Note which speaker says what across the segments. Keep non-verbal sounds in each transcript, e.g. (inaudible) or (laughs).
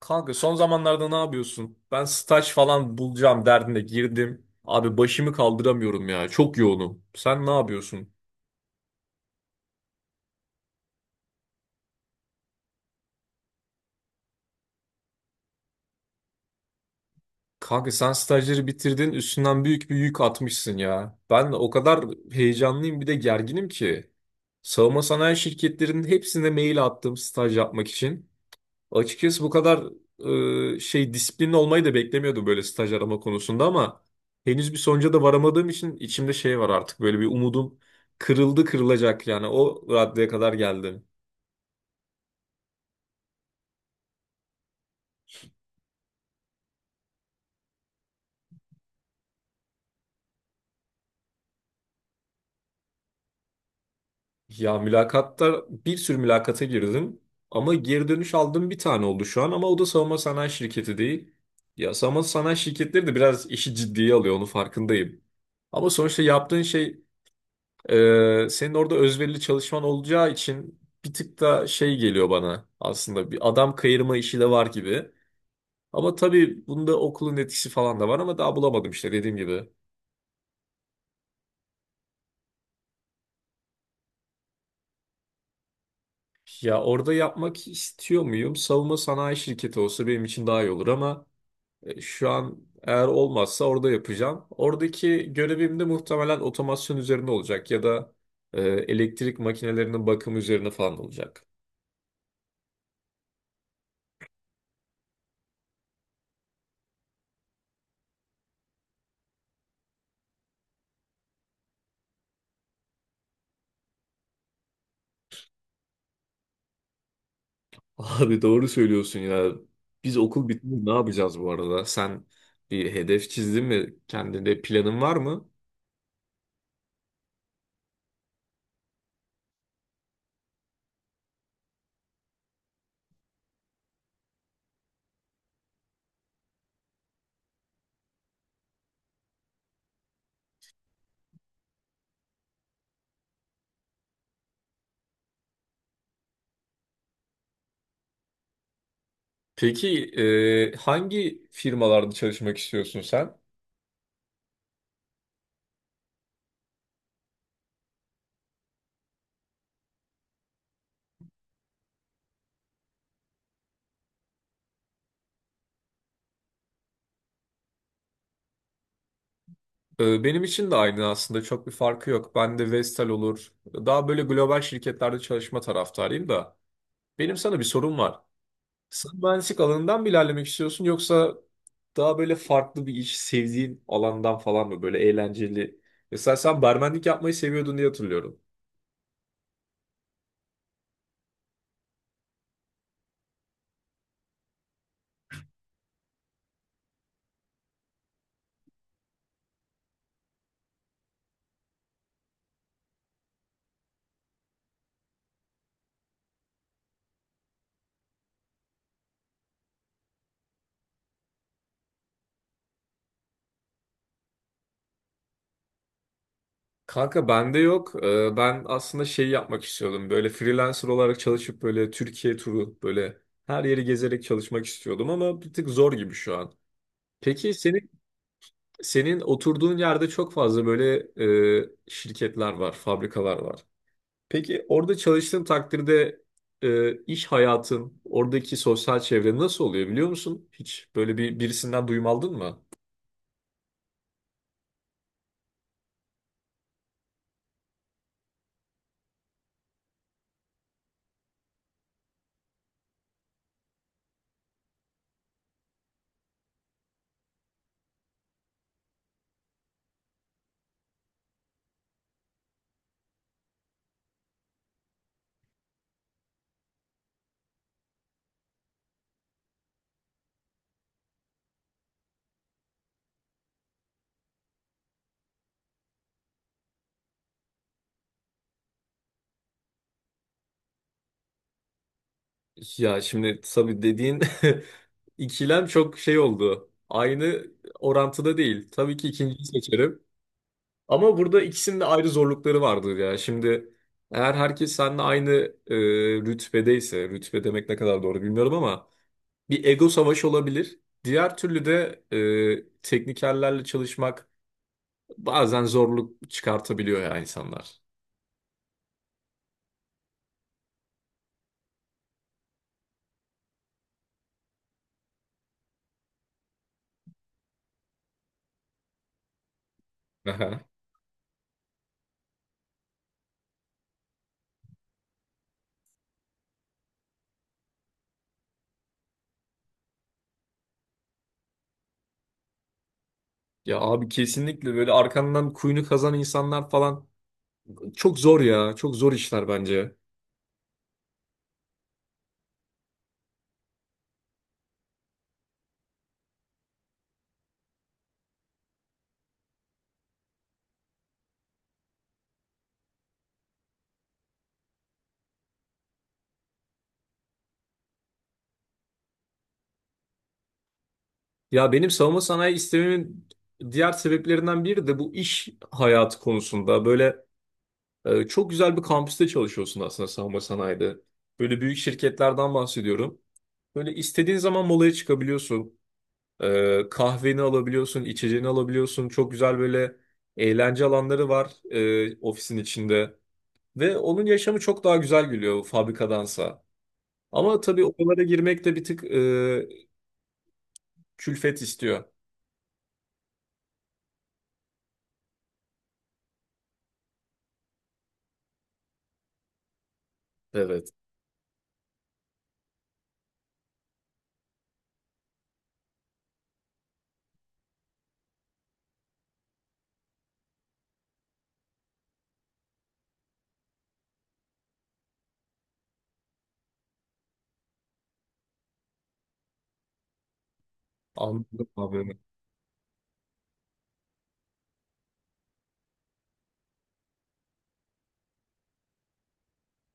Speaker 1: Kanka son zamanlarda ne yapıyorsun? Ben staj falan bulacağım derdine girdim. Abi başımı kaldıramıyorum ya. Çok yoğunum. Sen ne yapıyorsun? Kanka sen stajları bitirdin, üstünden büyük bir yük atmışsın ya. Ben o kadar heyecanlıyım bir de gerginim ki. Savunma sanayi şirketlerinin hepsine mail attım staj yapmak için. Açıkçası bu kadar disiplinli olmayı da beklemiyordum böyle staj arama konusunda, ama henüz bir sonuca da varamadığım için içimde şey var artık, böyle bir umudum kırıldı kırılacak yani, o raddeye kadar geldim. Ya mülakatta, bir sürü mülakata girdim ama geri dönüş aldığım bir tane oldu şu an, ama o da savunma sanayi şirketi değil. Ya savunma sanayi şirketleri de biraz işi ciddiye alıyor, onu farkındayım. Ama sonuçta yaptığın şey, senin orada özverili çalışman olacağı için bir tık da şey geliyor bana, aslında bir adam kayırma işi de var gibi. Ama tabii bunda okulun etkisi falan da var, ama daha bulamadım işte dediğim gibi. Ya orada yapmak istiyor muyum? Savunma sanayi şirketi olsa benim için daha iyi olur ama şu an eğer olmazsa orada yapacağım. Oradaki görevim de muhtemelen otomasyon üzerine olacak ya da elektrik makinelerinin bakımı üzerine falan olacak. Abi doğru söylüyorsun ya. Biz okul bitince ne yapacağız bu arada? Sen bir hedef çizdin mi? Kendine planın var mı? Peki hangi firmalarda çalışmak istiyorsun sen? Benim için de aynı, aslında çok bir farkı yok. Ben de Vestel olur. Daha böyle global şirketlerde çalışma taraftarıyım da. Benim sana bir sorum var. Sen mühendislik alanından mı ilerlemek istiyorsun, yoksa daha böyle farklı bir iş, sevdiğin alandan falan mı, böyle eğlenceli? Mesela sen barmenlik yapmayı seviyordun diye hatırlıyorum. Kanka bende yok. Ben aslında şey yapmak istiyordum. Böyle freelancer olarak çalışıp böyle Türkiye turu, böyle her yeri gezerek çalışmak istiyordum ama bir tık zor gibi şu an. Peki senin, senin oturduğun yerde çok fazla böyle şirketler var, fabrikalar var. Peki orada çalıştığın takdirde iş hayatın, oradaki sosyal çevre nasıl oluyor biliyor musun? Hiç böyle birisinden duyum aldın mı? Ya şimdi tabii dediğin (laughs) İkilem çok şey oldu. Aynı orantıda değil. Tabii ki ikinciyi seçerim. Ama burada ikisinin de ayrı zorlukları vardır ya. Şimdi eğer herkes seninle aynı e, rütbedeyse, rütbe demek ne kadar doğru bilmiyorum ama, bir ego savaşı olabilir. Diğer türlü de teknikerlerle çalışmak bazen zorluk çıkartabiliyor, ya insanlar. Aha. Ya abi, kesinlikle böyle arkandan kuyunu kazan insanlar falan çok zor ya. Çok zor işler bence. Ya benim savunma sanayi istememin diğer sebeplerinden biri de bu, iş hayatı konusunda. Böyle çok güzel bir kampüste çalışıyorsun aslında savunma sanayide. Böyle büyük şirketlerden bahsediyorum. Böyle istediğin zaman molaya çıkabiliyorsun. Kahveni alabiliyorsun, içeceğini alabiliyorsun. Çok güzel böyle eğlence alanları var ofisin içinde. Ve onun yaşamı çok daha güzel geliyor fabrikadansa. Ama tabii oralara girmek de bir tık külfet istiyor. Evet. Anladım abi.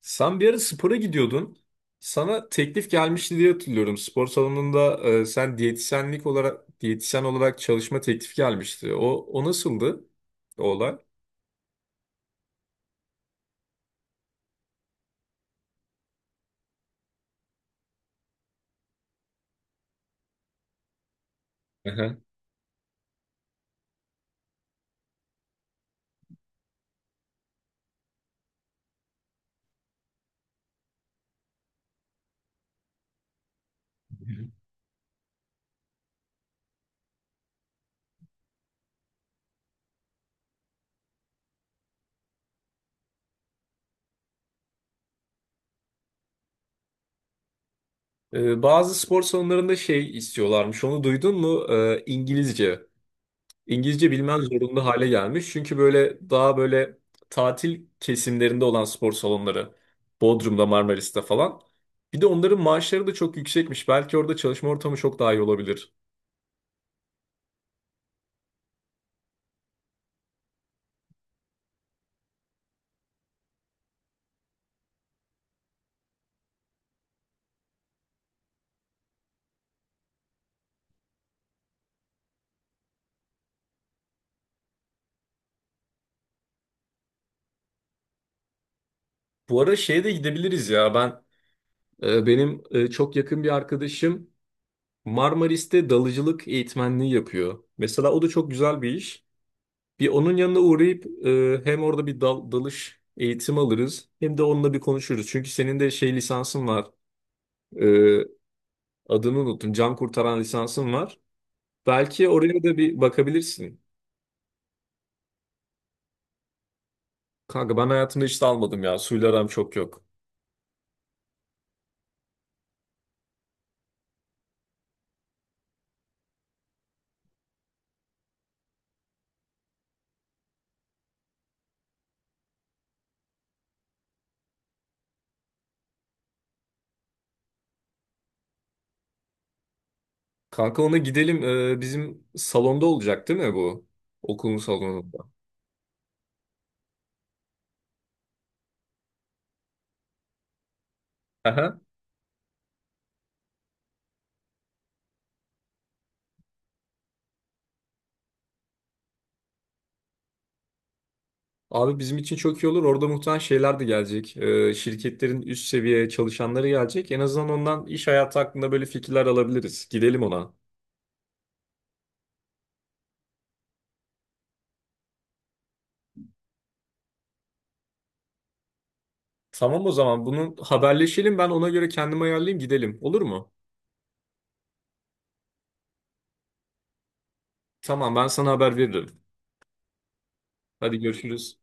Speaker 1: Sen bir ara spora gidiyordun. Sana teklif gelmişti diye hatırlıyorum. Spor salonunda, sen diyetisyenlik olarak, diyetisyen olarak çalışma teklifi gelmişti. O nasıldı? O olay. Aha. Bazı spor salonlarında şey istiyorlarmış. Onu duydun mu? İngilizce. İngilizce bilmen zorunda hale gelmiş. Çünkü böyle daha böyle tatil kesimlerinde olan spor salonları. Bodrum'da, Marmaris'te falan. Bir de onların maaşları da çok yüksekmiş. Belki orada çalışma ortamı çok daha iyi olabilir. Bu arada şeye de gidebiliriz ya. Ben e, benim e, çok yakın bir arkadaşım Marmaris'te dalıcılık eğitmenliği yapıyor. Mesela o da çok güzel bir iş. Bir onun yanına uğrayıp hem orada bir dalış eğitimi alırız, hem de onunla bir konuşuruz. Çünkü senin de şey lisansın var. E, Adını unuttum. Can kurtaran lisansın var. Belki oraya da bir bakabilirsin. Kanka ben hayatımda hiç dalmadım ya. Suyla aram çok yok. Kanka ona gidelim. Bizim salonda olacak değil mi bu? Okulun salonunda. Aha. Abi bizim için çok iyi olur. Orada muhtemelen şeyler de gelecek. Şirketlerin üst seviye çalışanları gelecek. En azından ondan iş hayatı hakkında böyle fikirler alabiliriz. Gidelim ona. Tamam, o zaman bunu haberleşelim. Ben ona göre kendimi ayarlayayım, gidelim. Olur mu? Tamam, ben sana haber veririm. Hadi görüşürüz.